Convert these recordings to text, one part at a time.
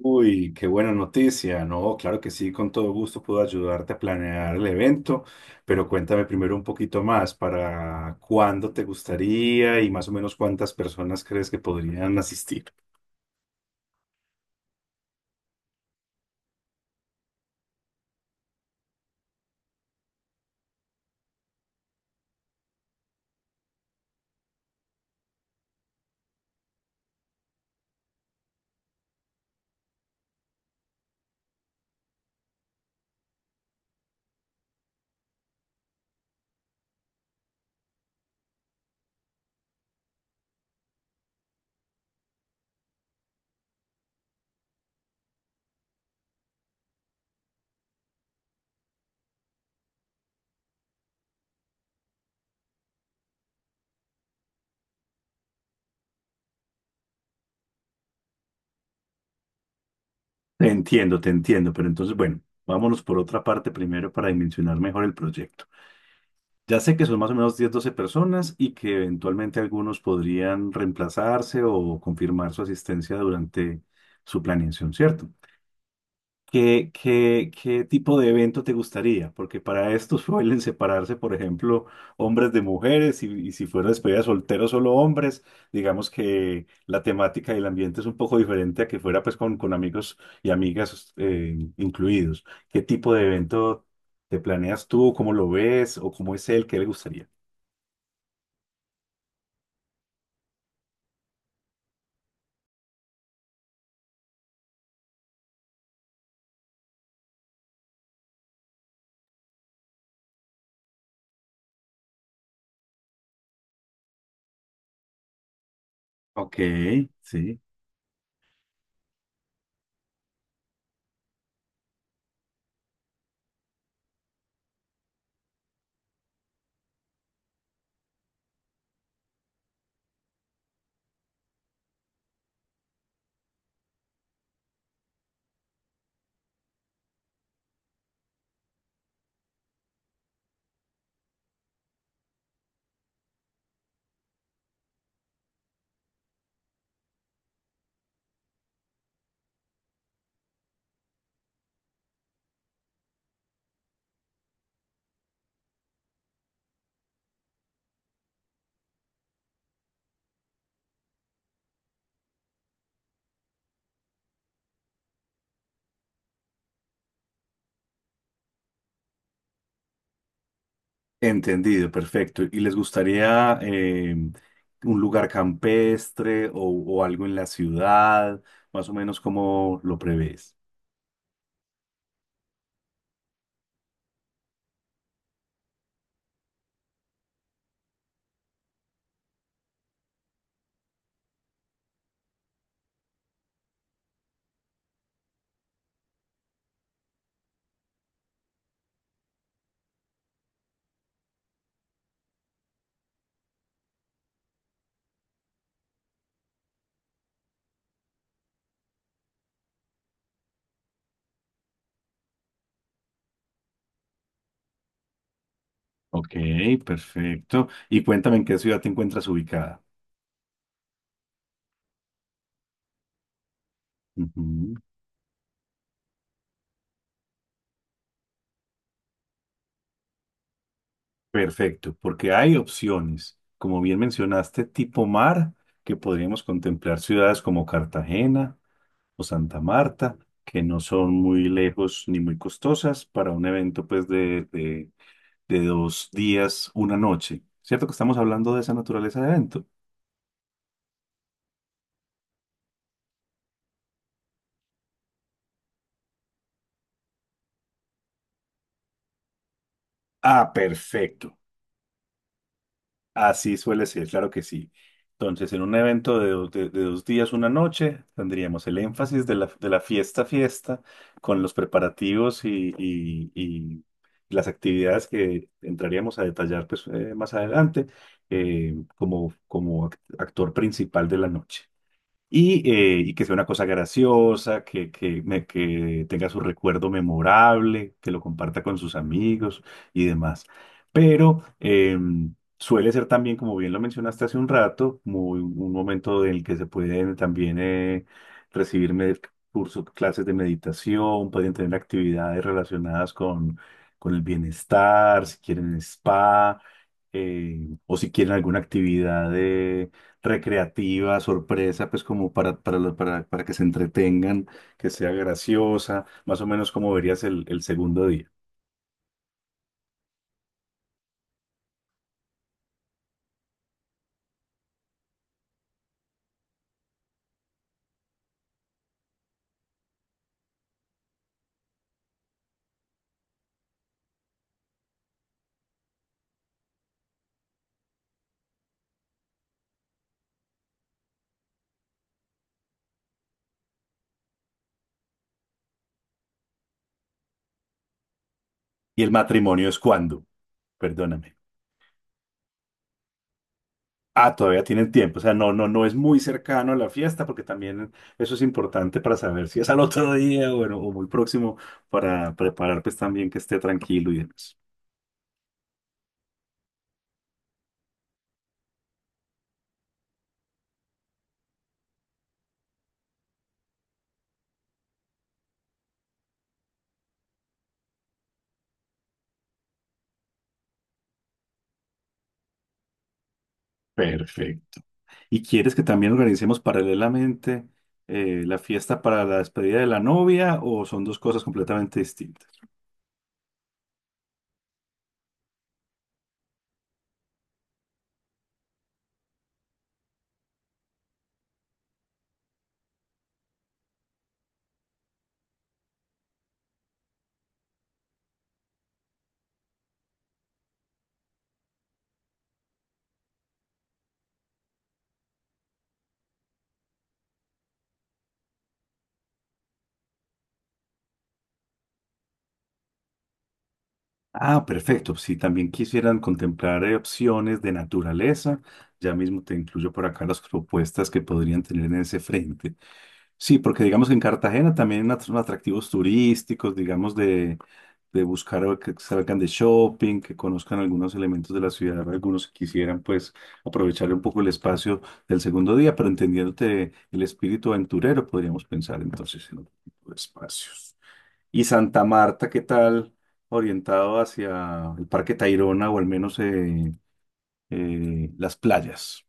Uy, qué buena noticia. No, claro que sí, con todo gusto puedo ayudarte a planear el evento, pero cuéntame primero un poquito más para cuándo te gustaría y más o menos cuántas personas crees que podrían asistir. Te entiendo, pero entonces, bueno, vámonos por otra parte primero para dimensionar mejor el proyecto. Ya sé que son más o menos 10 o 12 personas y que eventualmente algunos podrían reemplazarse o confirmar su asistencia durante su planeación, ¿cierto? ¿Qué tipo de evento te gustaría? Porque para esto suelen separarse, por ejemplo, hombres de mujeres y si fuera despedida de soltero solo hombres, digamos que la temática y el ambiente es un poco diferente a que fuera pues con amigos y amigas incluidos. ¿Qué tipo de evento te planeas tú? ¿Cómo lo ves? ¿O cómo es él? ¿Qué le gustaría? Ok, sí. Entendido, perfecto. ¿Y les gustaría un lugar campestre o algo en la ciudad? Más o menos como lo prevés. Ok, perfecto. Y cuéntame en qué ciudad te encuentras ubicada. Ujú, perfecto, porque hay opciones. Como bien mencionaste, tipo mar, que podríamos contemplar ciudades como Cartagena o Santa Marta, que no son muy lejos ni muy costosas para un evento pues de 2 días, 1 noche. ¿Cierto que estamos hablando de esa naturaleza de evento? Ah, perfecto. Así suele ser, claro que sí. Entonces, en un evento de, de 2 días, 1 noche, tendríamos el énfasis de la fiesta, fiesta, con los preparativos y las actividades que entraríamos a detallar pues, más adelante, como, actor principal de la noche. Y que sea una cosa graciosa, que tenga su recuerdo memorable, que lo comparta con sus amigos y demás. Pero suele ser también, como bien lo mencionaste hace un rato, muy, un momento en el que se pueden también recibir cursos, clases de meditación, pueden tener actividades relacionadas con el bienestar, si quieren spa o si quieren alguna actividad de recreativa, sorpresa, pues como para, para que se entretengan, que sea graciosa, más o menos como verías el segundo día. ¿Y el matrimonio es cuándo? Perdóname. Ah, todavía tienen tiempo, o sea, no, no, no es muy cercano a la fiesta, porque también eso es importante para saber si es al otro día o, bueno, o muy próximo para preparar pues también que esté tranquilo y demás. Perfecto. ¿Y quieres que también organicemos paralelamente la fiesta para la despedida de la novia o son dos cosas completamente distintas? Ah, perfecto. Si también quisieran contemplar opciones de naturaleza, ya mismo te incluyo por acá las propuestas que podrían tener en ese frente. Sí, porque digamos que en Cartagena también son atractivos turísticos, digamos, de buscar o que salgan de shopping, que conozcan algunos elementos de la ciudad, algunos que quisieran pues aprovechar un poco el espacio del segundo día, pero entendiéndote el espíritu aventurero, podríamos pensar entonces en otro tipo de espacios. Y Santa Marta, ¿qué tal? Orientado hacia el Parque Tayrona o al menos las playas.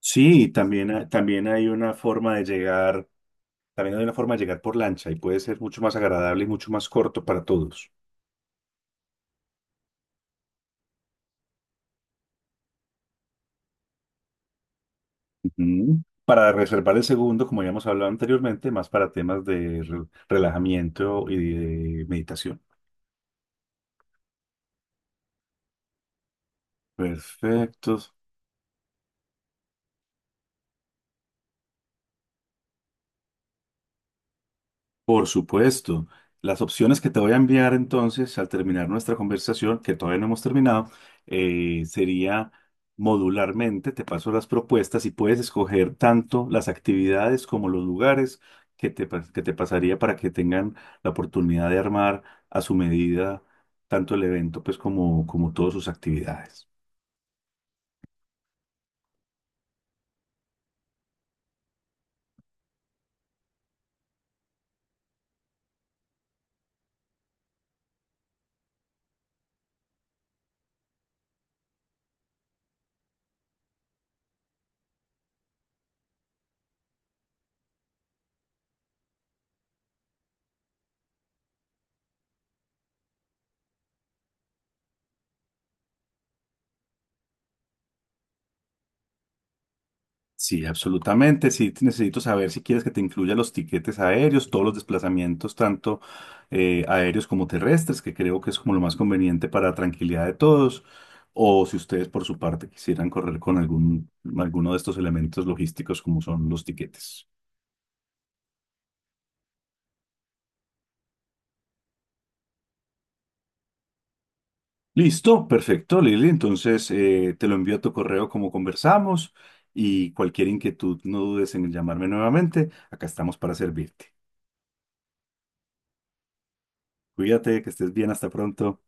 Sí, también, ha- también hay una forma de llegar También hay una forma de llegar por lancha y puede ser mucho más agradable y mucho más corto para todos. Ujú. Para reservar el segundo, como ya hemos hablado anteriormente, más para temas de relajamiento y de meditación. Perfecto. Por supuesto. Las opciones que te voy a enviar entonces al terminar nuestra conversación, que todavía no hemos terminado, sería modularmente, te paso las propuestas y puedes escoger tanto las actividades como los lugares que te pasaría para que tengan la oportunidad de armar a su medida tanto el evento pues como, como todas sus actividades. Sí, absolutamente. Sí, necesito saber si quieres que te incluya los tiquetes aéreos, todos los desplazamientos, tanto aéreos como terrestres, que creo que es como lo más conveniente para tranquilidad de todos, o si ustedes por su parte quisieran correr con algún, alguno de estos elementos logísticos como son los tiquetes. Listo, perfecto, Lili. Entonces te lo envío a tu correo como conversamos y cualquier inquietud no dudes en llamarme nuevamente. Acá estamos para servirte. Cuídate, que estés bien, hasta pronto.